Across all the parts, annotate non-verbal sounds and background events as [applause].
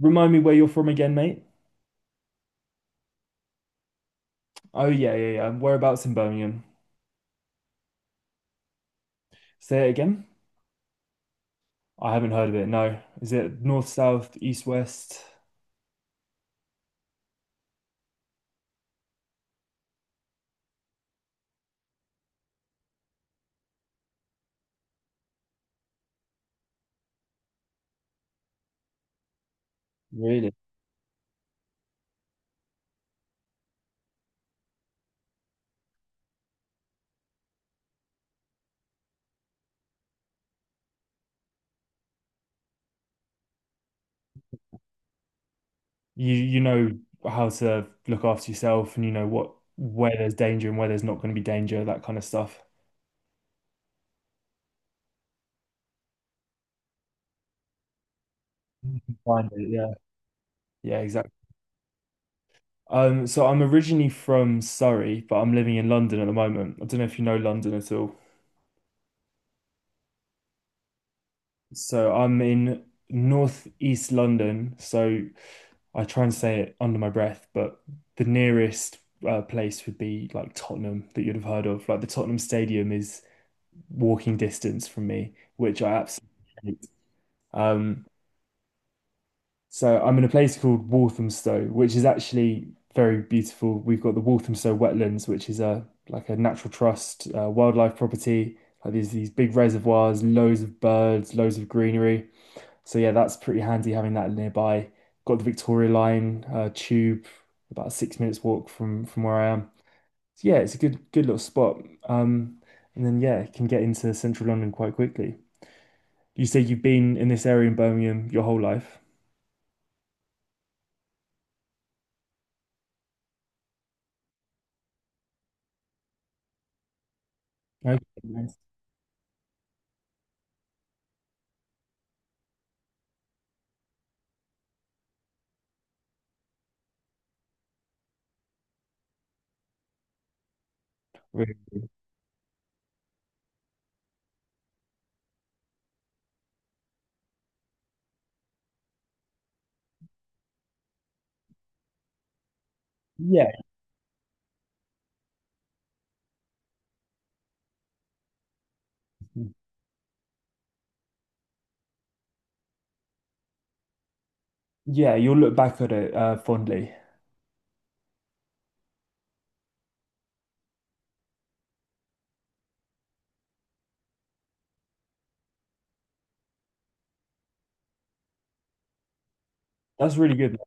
Remind me where you're from again, mate. Oh yeah, yeah, yeah. Whereabouts in Birmingham? Say it again. I haven't heard of it. No. Is it north, south, east, west? Really? You know how to look after yourself and you know what where there's danger and where there's not going to be danger, that kind of stuff. You can find it, yeah. Yeah, exactly. So I'm originally from Surrey, but I'm living in London at the moment. I don't know if you know London at all. So I'm in northeast London. So I try and say it under my breath, but the nearest place would be like Tottenham that you'd have heard of. Like the Tottenham Stadium is walking distance from me, which I absolutely hate. Um, so I'm in a place called Walthamstow, which is actually very beautiful. We've got the Walthamstow Wetlands, which is a like a natural trust wildlife property. Like there's these big reservoirs, loads of birds, loads of greenery. So yeah, that's pretty handy having that nearby. Got the Victoria Line tube, about a 6 minutes walk from where I am. So yeah, it's a good little spot. Um, and then yeah, can get into central London quite quickly. You say you've been in this area in Birmingham your whole life. Okay, nice. Really? Yeah, yeah, you'll look back at it fondly. That's really good.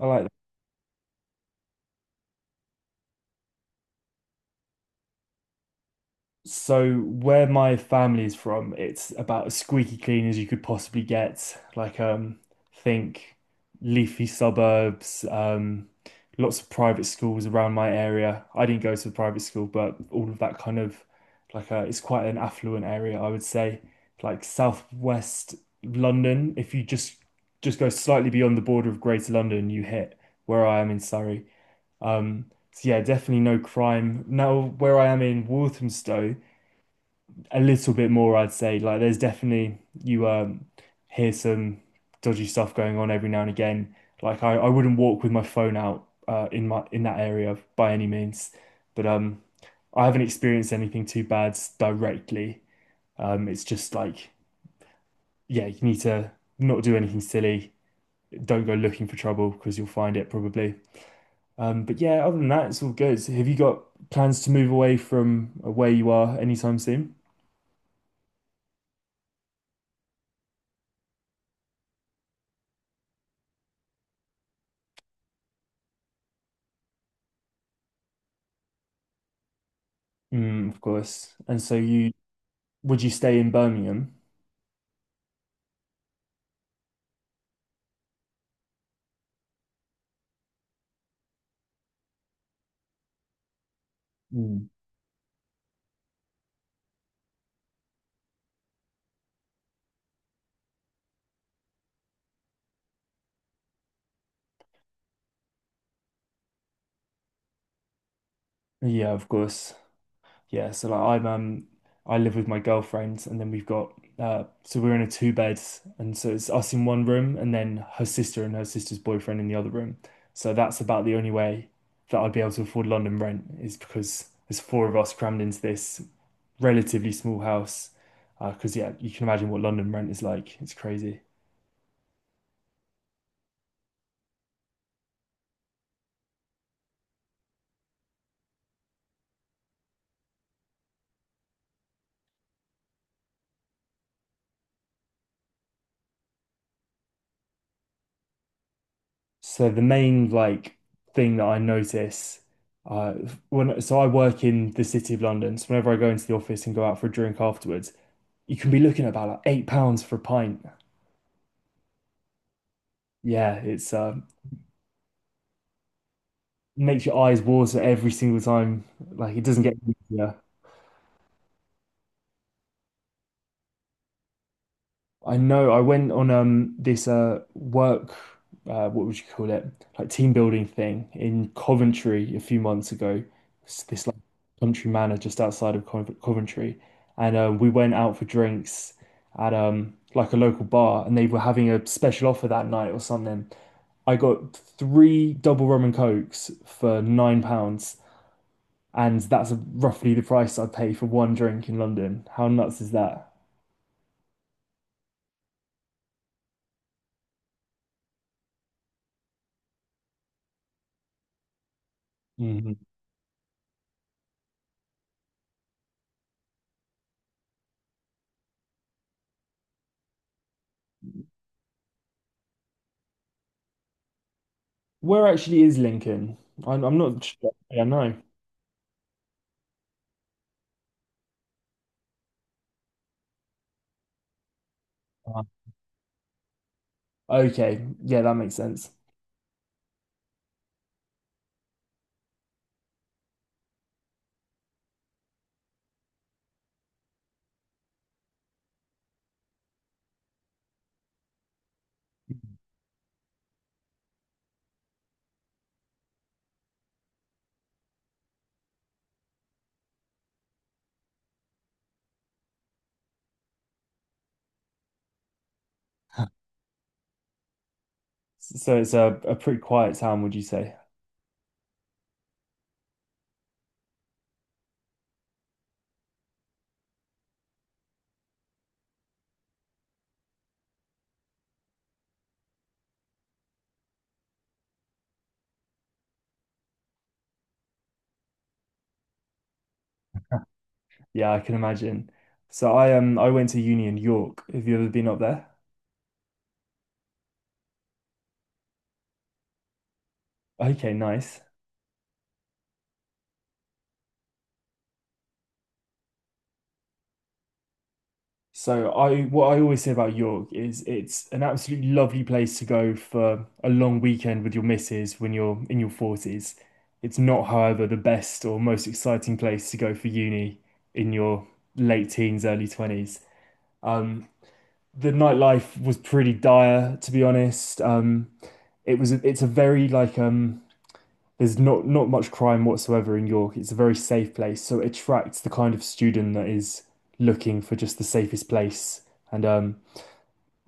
I like that. So where my family is from, it's about as squeaky clean as you could possibly get. Like think leafy suburbs, lots of private schools around my area. I didn't go to a private school, but all of that kind of like it's quite an affluent area, I would say. Like southwest London, if you just go slightly beyond the border of Greater London, you hit where I am in Surrey. Um, so yeah, definitely no crime. Now where I am in Walthamstow a little bit more, I'd say. Like there's definitely you hear some dodgy stuff going on every now and again. Like I wouldn't walk with my phone out in that area by any means. But I haven't experienced anything too bad directly. It's just like yeah, you need to not do anything silly. Don't go looking for trouble because you'll find it probably. But yeah, other than that, it's all good. Have you got plans to move away from where you are anytime soon? Mm, of course. And so you Would you stay in Birmingham? Mm. Yeah, of course. Yeah, so like I live with my girlfriend, and then we've got so we're in a two bed, and so it's us in one room and then her sister and her sister's boyfriend in the other room. So that's about the only way that I'd be able to afford London rent, is because there's four of us crammed into this relatively small house. 'Cause because yeah, you can imagine what London rent is like. It's crazy. So the main like thing that I notice, uh when so I work in the City of London, so whenever I go into the office and go out for a drink afterwards, you can be looking at about like £8 for a pint. Yeah, it's makes your eyes water every single time. Like it doesn't get easier. I know I went on this work, what would you call it, like team building thing in Coventry a few months ago. It's this like country manor just outside of Coventry, and we went out for drinks at like a local bar, and they were having a special offer that night or something. I got three double rum and cokes for £9, and that's roughly the price I pay for one drink in London. How nuts is that? Where actually is Lincoln? I'm not sure. Yeah, no. Uh, okay. Yeah, that makes sense. So it's a pretty quiet town, would you say? [laughs] Yeah, I can imagine. So I went to uni in York. Have you ever been up there? Okay, nice. So I what I always say about York is it's an absolutely lovely place to go for a long weekend with your missus when you're in your 40s. It's not, however, the best or most exciting place to go for uni in your late teens, early 20s. Um, the nightlife was pretty dire, to be honest. It's a very like, there's not much crime whatsoever in York. It's a very safe place, so it attracts the kind of student that is looking for just the safest place. And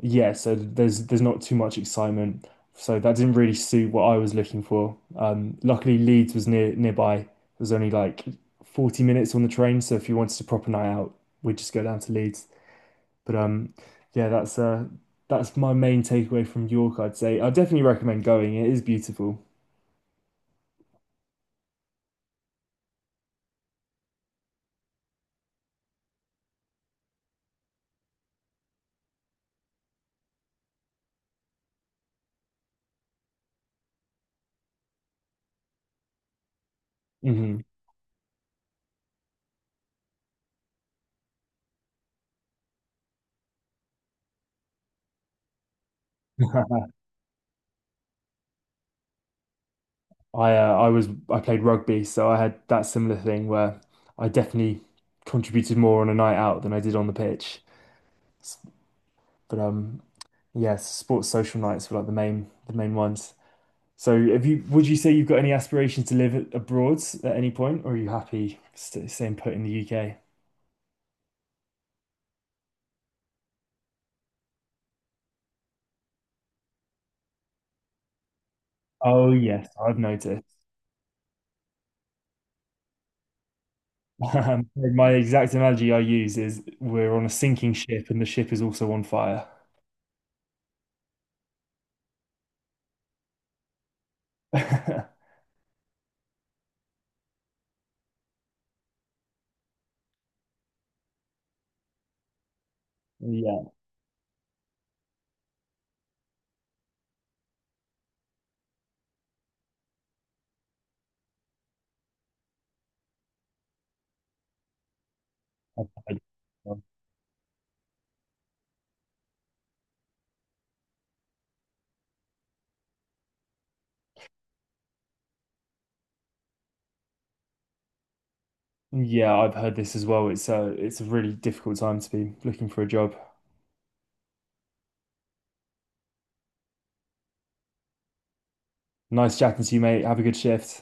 yeah, so there's not too much excitement. So that didn't really suit what I was looking for. Luckily Leeds was nearby. It was only like 40 minutes on the train, so if you wanted a proper night out, we'd just go down to Leeds. But Yeah, that's my main takeaway from York, I'd say. I definitely recommend going. It is beautiful. Hmm. [laughs] I played rugby, so I had that similar thing where I definitely contributed more on a night out than I did on the pitch. S- But yeah, sports social nights were like the main ones. So have you would you say you've got any aspirations to live abroad at any point, or are you happy st staying put in the UK? Oh yes, I've noticed. My exact analogy I use is we're on a sinking ship and the ship is also on fire. [laughs] Yeah, I've heard- um, yeah, I've heard this as well. It's a really difficult time to be looking for a job. Nice chatting to you, mate. Have a good shift.